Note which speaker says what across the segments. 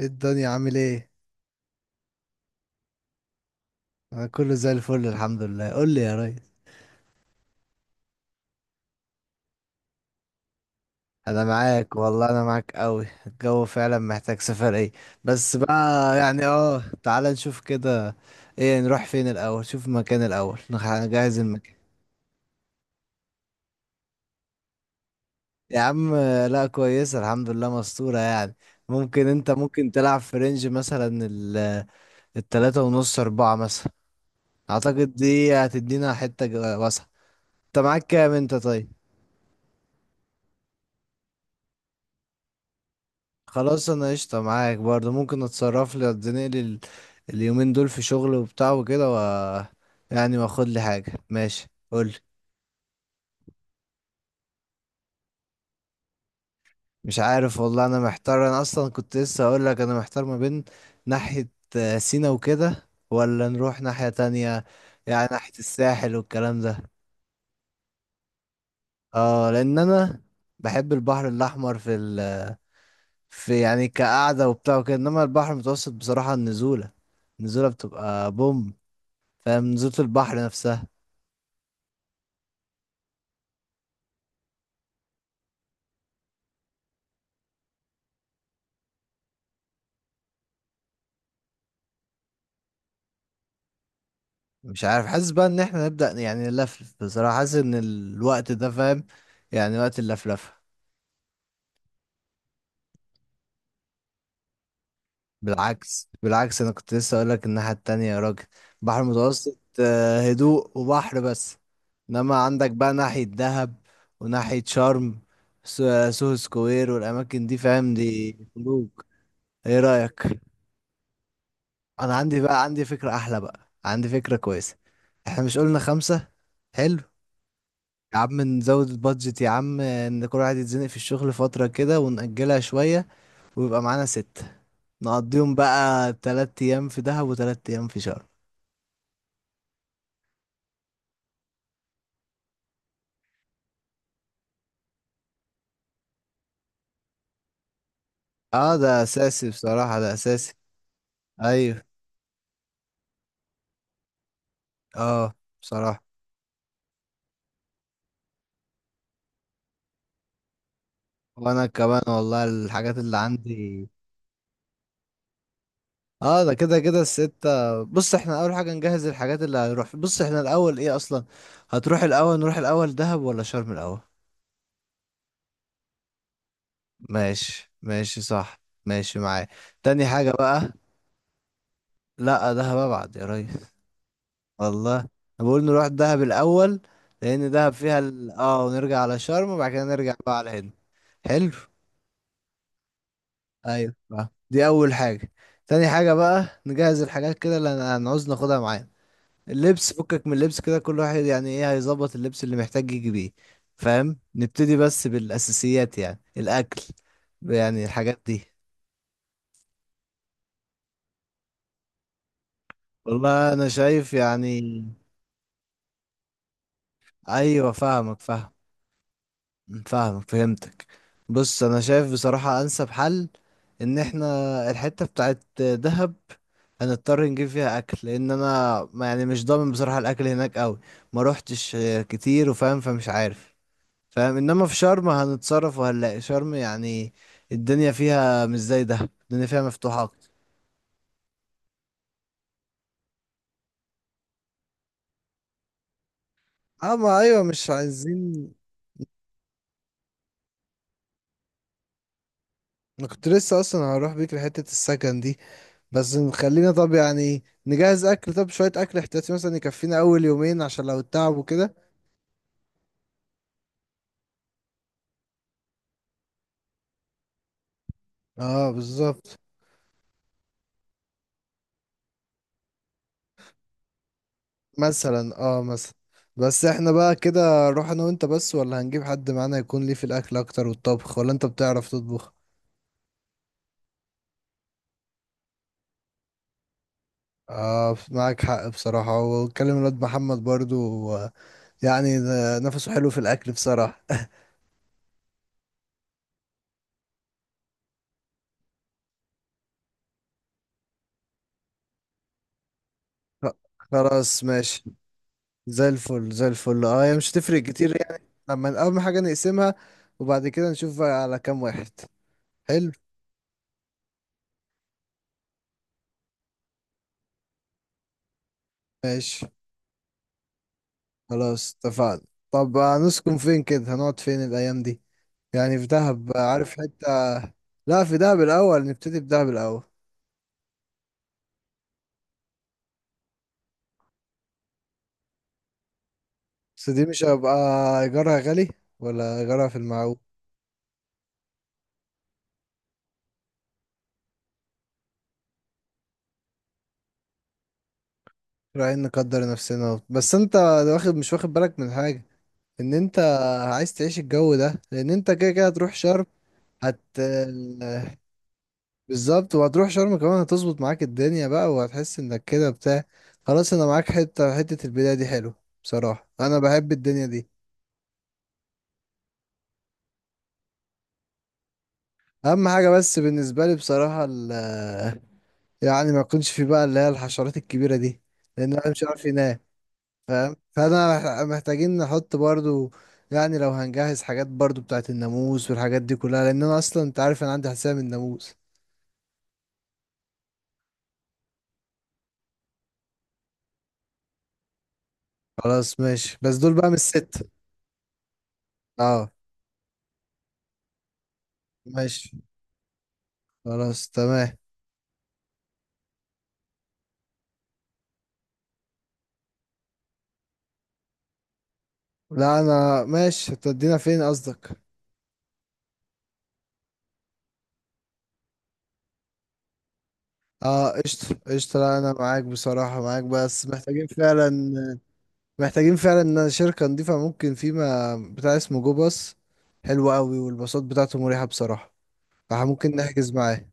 Speaker 1: ايه الدنيا عامل ايه؟ انا كله زي الفل، الحمد لله. قول لي يا ريس. انا معاك والله، انا معاك قوي. الجو فعلا محتاج سفر. ايه؟ بس بقى. يعني تعالى نشوف كده. ايه، نروح فين الاول؟ شوف المكان الاول، نجهز المكان. يا عم، لا كويسه الحمد لله، مستورة يعني. ممكن انت، ممكن تلعب في رينج مثلا التلاتة ونص اربعة مثلا. اعتقد دي هتدينا حتة واسعة. انت معاك كام، انت طيب؟ خلاص، انا قشطة معاك برضه. ممكن اتصرف لي، اديني لي اليومين دول في شغل وبتاع وكده و، يعني واخد لي حاجة، ماشي؟ قولي. مش عارف والله، انا محتار. انا اصلا كنت لسه هقول لك انا محتار، ما بين ناحية سينا وكده، ولا نروح ناحية تانية. يعني ناحية الساحل والكلام ده. اه، لان انا بحب البحر الاحمر في يعني كقعدة وبتاع وكده. انما البحر المتوسط بصراحة، النزولة، النزولة بتبقى بوم. فاهم نزولة البحر نفسها. مش عارف، حاسس بقى ان احنا نبدأ، يعني نلفلف بصراحة. حاسس ان الوقت ده، فاهم؟ يعني وقت اللفلفة. بالعكس، بالعكس، انا كنت لسه اقول لك الناحية التانية يا راجل. بحر متوسط، هدوء وبحر بس. انما عندك بقى ناحية دهب وناحية شرم. سوهو سكوير والاماكن دي، فاهم؟ دي خلوج. ايه رأيك؟ انا عندي بقى، عندي فكرة احلى، بقى عندي فكرة كويسة. احنا مش قلنا خمسة؟ حلو. يا عم نزود البادجت، يا عم ان كل واحد يتزنق في الشغل فترة كده، ونأجلها شوية، ويبقى معانا ستة. نقضيهم بقى 3 ايام في دهب و3 ايام في شرم. اه، ده اساسي بصراحة، ده اساسي. ايوه، اه، بصراحة. وانا كمان والله، الحاجات اللي عندي. اه، ده كده كده الستة. بص، احنا اول حاجة نجهز الحاجات اللي هنروح. بص احنا الاول ايه اصلا؟ هتروح الاول، نروح الاول دهب ولا شرم الاول؟ ماشي، ماشي، صح، ماشي معايا. تاني حاجة بقى. لا، دهب ابعد يا ريس. والله انا بقول نروح دهب الاول. لان دهب فيها ال... اه ونرجع على شرم، وبعد كده نرجع بقى على هنا. حلو. ايوه بقى. دي اول حاجه. تاني حاجه بقى، نجهز الحاجات كده اللي هنعوز ناخدها معانا. اللبس، فكك من اللبس كده، كل واحد يعني ايه هيظبط اللبس اللي محتاج يجي بيه. فاهم؟ نبتدي بس بالاساسيات، يعني الاكل، يعني الحاجات دي. والله انا شايف يعني. ايوه فاهمك، فاهم. فاهم، فهمتك. بص انا شايف بصراحة، انسب حل ان احنا الحتة بتاعت دهب هنضطر نجيب فيها اكل. لان انا يعني مش ضامن بصراحة الاكل هناك قوي. ما روحتش كتير، وفاهم، فمش عارف. فاهم، انما في شرم هنتصرف وهنلاقي شرم يعني. الدنيا فيها مش زي دهب، الدنيا فيها مفتوحة اكتر. اه ما ايوه، مش عايزين. انا كنت لسه اصلا هروح بيك لحتة السكن دي. بس نخلينا، طب يعني نجهز اكل، طب شوية اكل احتياطي مثلا يكفينا اول يومين، عشان لو التعب وكده. اه بالظبط. مثلا، مثلا. بس احنا بقى كده نروح انا وانت بس، ولا هنجيب حد معانا يكون ليه في الاكل اكتر والطبخ؟ ولا انت بتعرف تطبخ؟ اه معاك حق بصراحة. واتكلم الواد محمد برضو. آه، يعني ده نفسه حلو في الاكل بصراحة. خلاص ماشي. زي الفل، زي الفل. اه هي مش تفرق كتير يعني. لما اهم حاجة نقسمها، وبعد كده نشوف بقى على كام واحد. حلو. ماشي خلاص اتفقنا. طب هنسكن فين كده؟ هنقعد فين الأيام دي؟ يعني في دهب عارف حتة. لا، في دهب الأول، نبتدي بدهب الأول. بس دي مش هيبقى إيجارها غالي، ولا إيجارها في المعقول؟ رايحين نقدر نفسنا، بس انت واخد، مش واخد بالك من حاجة؟ ان انت عايز تعيش الجو ده، لان انت كده كده هتروح شرم. هت بالظبط وهتروح شرم كمان هتظبط معاك الدنيا بقى، وهتحس انك كده بتاع. خلاص انا معاك. حتة حتة البداية دي حلو، بصراحة انا بحب الدنيا دي. اهم حاجة بس بالنسبة لي بصراحة يعني ما يكونش في بقى اللي هي الحشرات الكبيرة دي. لان انا مش عارف ينام. فاهم، فانا محتاجين نحط برضو، يعني لو هنجهز حاجات برضو بتاعت الناموس والحاجات دي كلها. لان انا اصلا، انت عارف انا عندي حساسية من الناموس. خلاص ماشي، بس دول بقى مش ست. اه. ماشي. خلاص تمام. لا انا ماشي. هتودينا فين قصدك؟ اه قشطة، قشطة. لا انا معاك بصراحة، معاك. بس محتاجين فعلا، محتاجين فعلا ان شركة نضيفة. ممكن فيما بتاع اسمه جو باص. حلو قوي والباصات بتاعته مريحة بصراحة، فممكن نحجز معاه.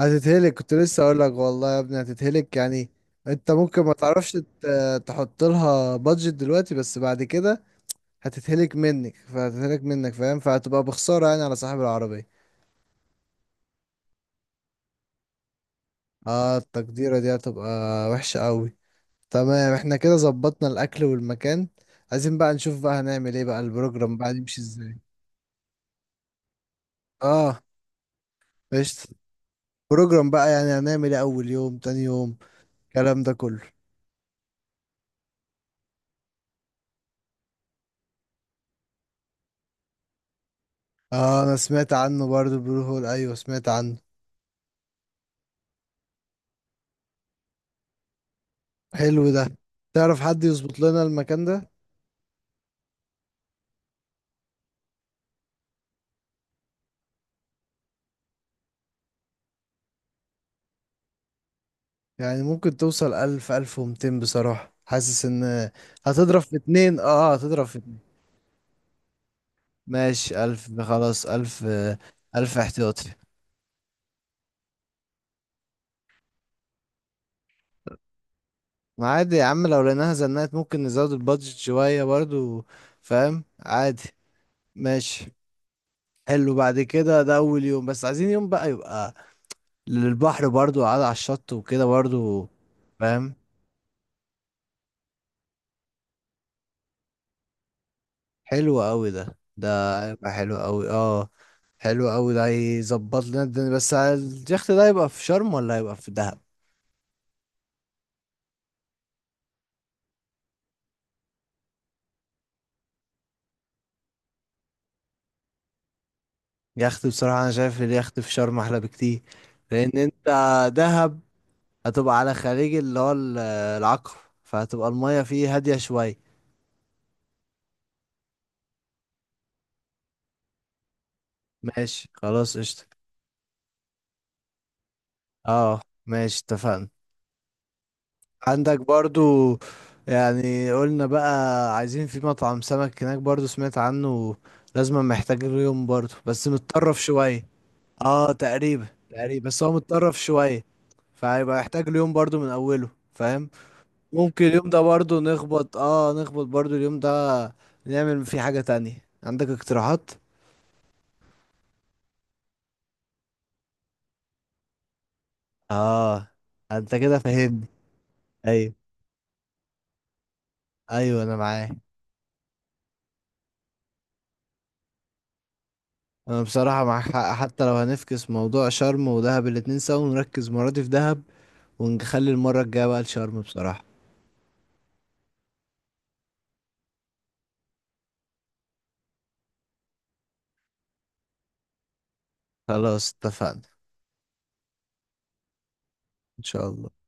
Speaker 1: هتتهلك، كنت لسه اقول لك والله يا ابني هتتهلك يعني. انت ممكن ما تعرفش. تحط لها بادجت دلوقتي، بس بعد كده هتتهلك منك، فهتتهلك منك، فاهم؟ فهتبقى بخسارة يعني على صاحب العربية. اه التقديرة دي هتبقى وحشة قوي. تمام، احنا كده ظبطنا الاكل والمكان. عايزين بقى نشوف بقى هنعمل ايه بقى، البروجرام بقى يمشي ازاي؟ اه قشطة. بروجرام بقى، يعني هنعمل ايه اول يوم، تاني يوم، الكلام ده كله؟ اه انا سمعت عنه برضو، البلو هول. ايوه سمعت عنه. حلو ده. تعرف حد يظبط لنا المكان ده؟ يعني ممكن توصل 1000، 1200 بصراحة، حاسس ان هتضرب في اتنين. اه، هتضرب في اتنين. ماشي، 1000، خلاص الف. 1000 احتياطي. ما عادي يا عم، لو لقيناها زنقت ممكن نزود البادجت شوية برضو. فاهم عادي. ماشي. حلو. بعد كده ده أول يوم، بس عايزين يوم بقى يبقى للبحر برضو، قاعد على الشط وكده برضو. فاهم. حلو أوي، ده هيبقى حلو أوي، حلو أوي ده هيظبط لنا الدنيا. بس اليخت ده هيبقى في شرم، ولا هيبقى في دهب؟ يخت بصراحة، أنا شايف اليخت في شرم أحلى بكتير. لأن أنت دهب هتبقى على خليج اللي هو العقبة، فهتبقى المية فيه هادية شوية. ماشي خلاص قشطة. اه ماشي اتفقنا. عندك برضو، يعني قلنا بقى، عايزين في مطعم سمك هناك برضو سمعت عنه. لازم محتاج اليوم، برضو بس متطرف شوية. اه تقريبا، تقريبا، بس هو متطرف شوية. فهيبقى محتاج اليوم برضو من اوله. فاهم. ممكن اليوم ده برضو نخبط، نخبط برضو اليوم ده، نعمل فيه حاجة تانية. عندك اقتراحات؟ اه انت كده فاهمني. ايوه، ايوه، انا معاك. انا بصراحه معاك حق، حتى لو هنفكس موضوع شرم ودهب الاتنين سوا، ونركز المره دي في دهب، ونخلي المره الجايه بقى لشرم بصراحه. خلاص اتفقنا. ان شاء الله.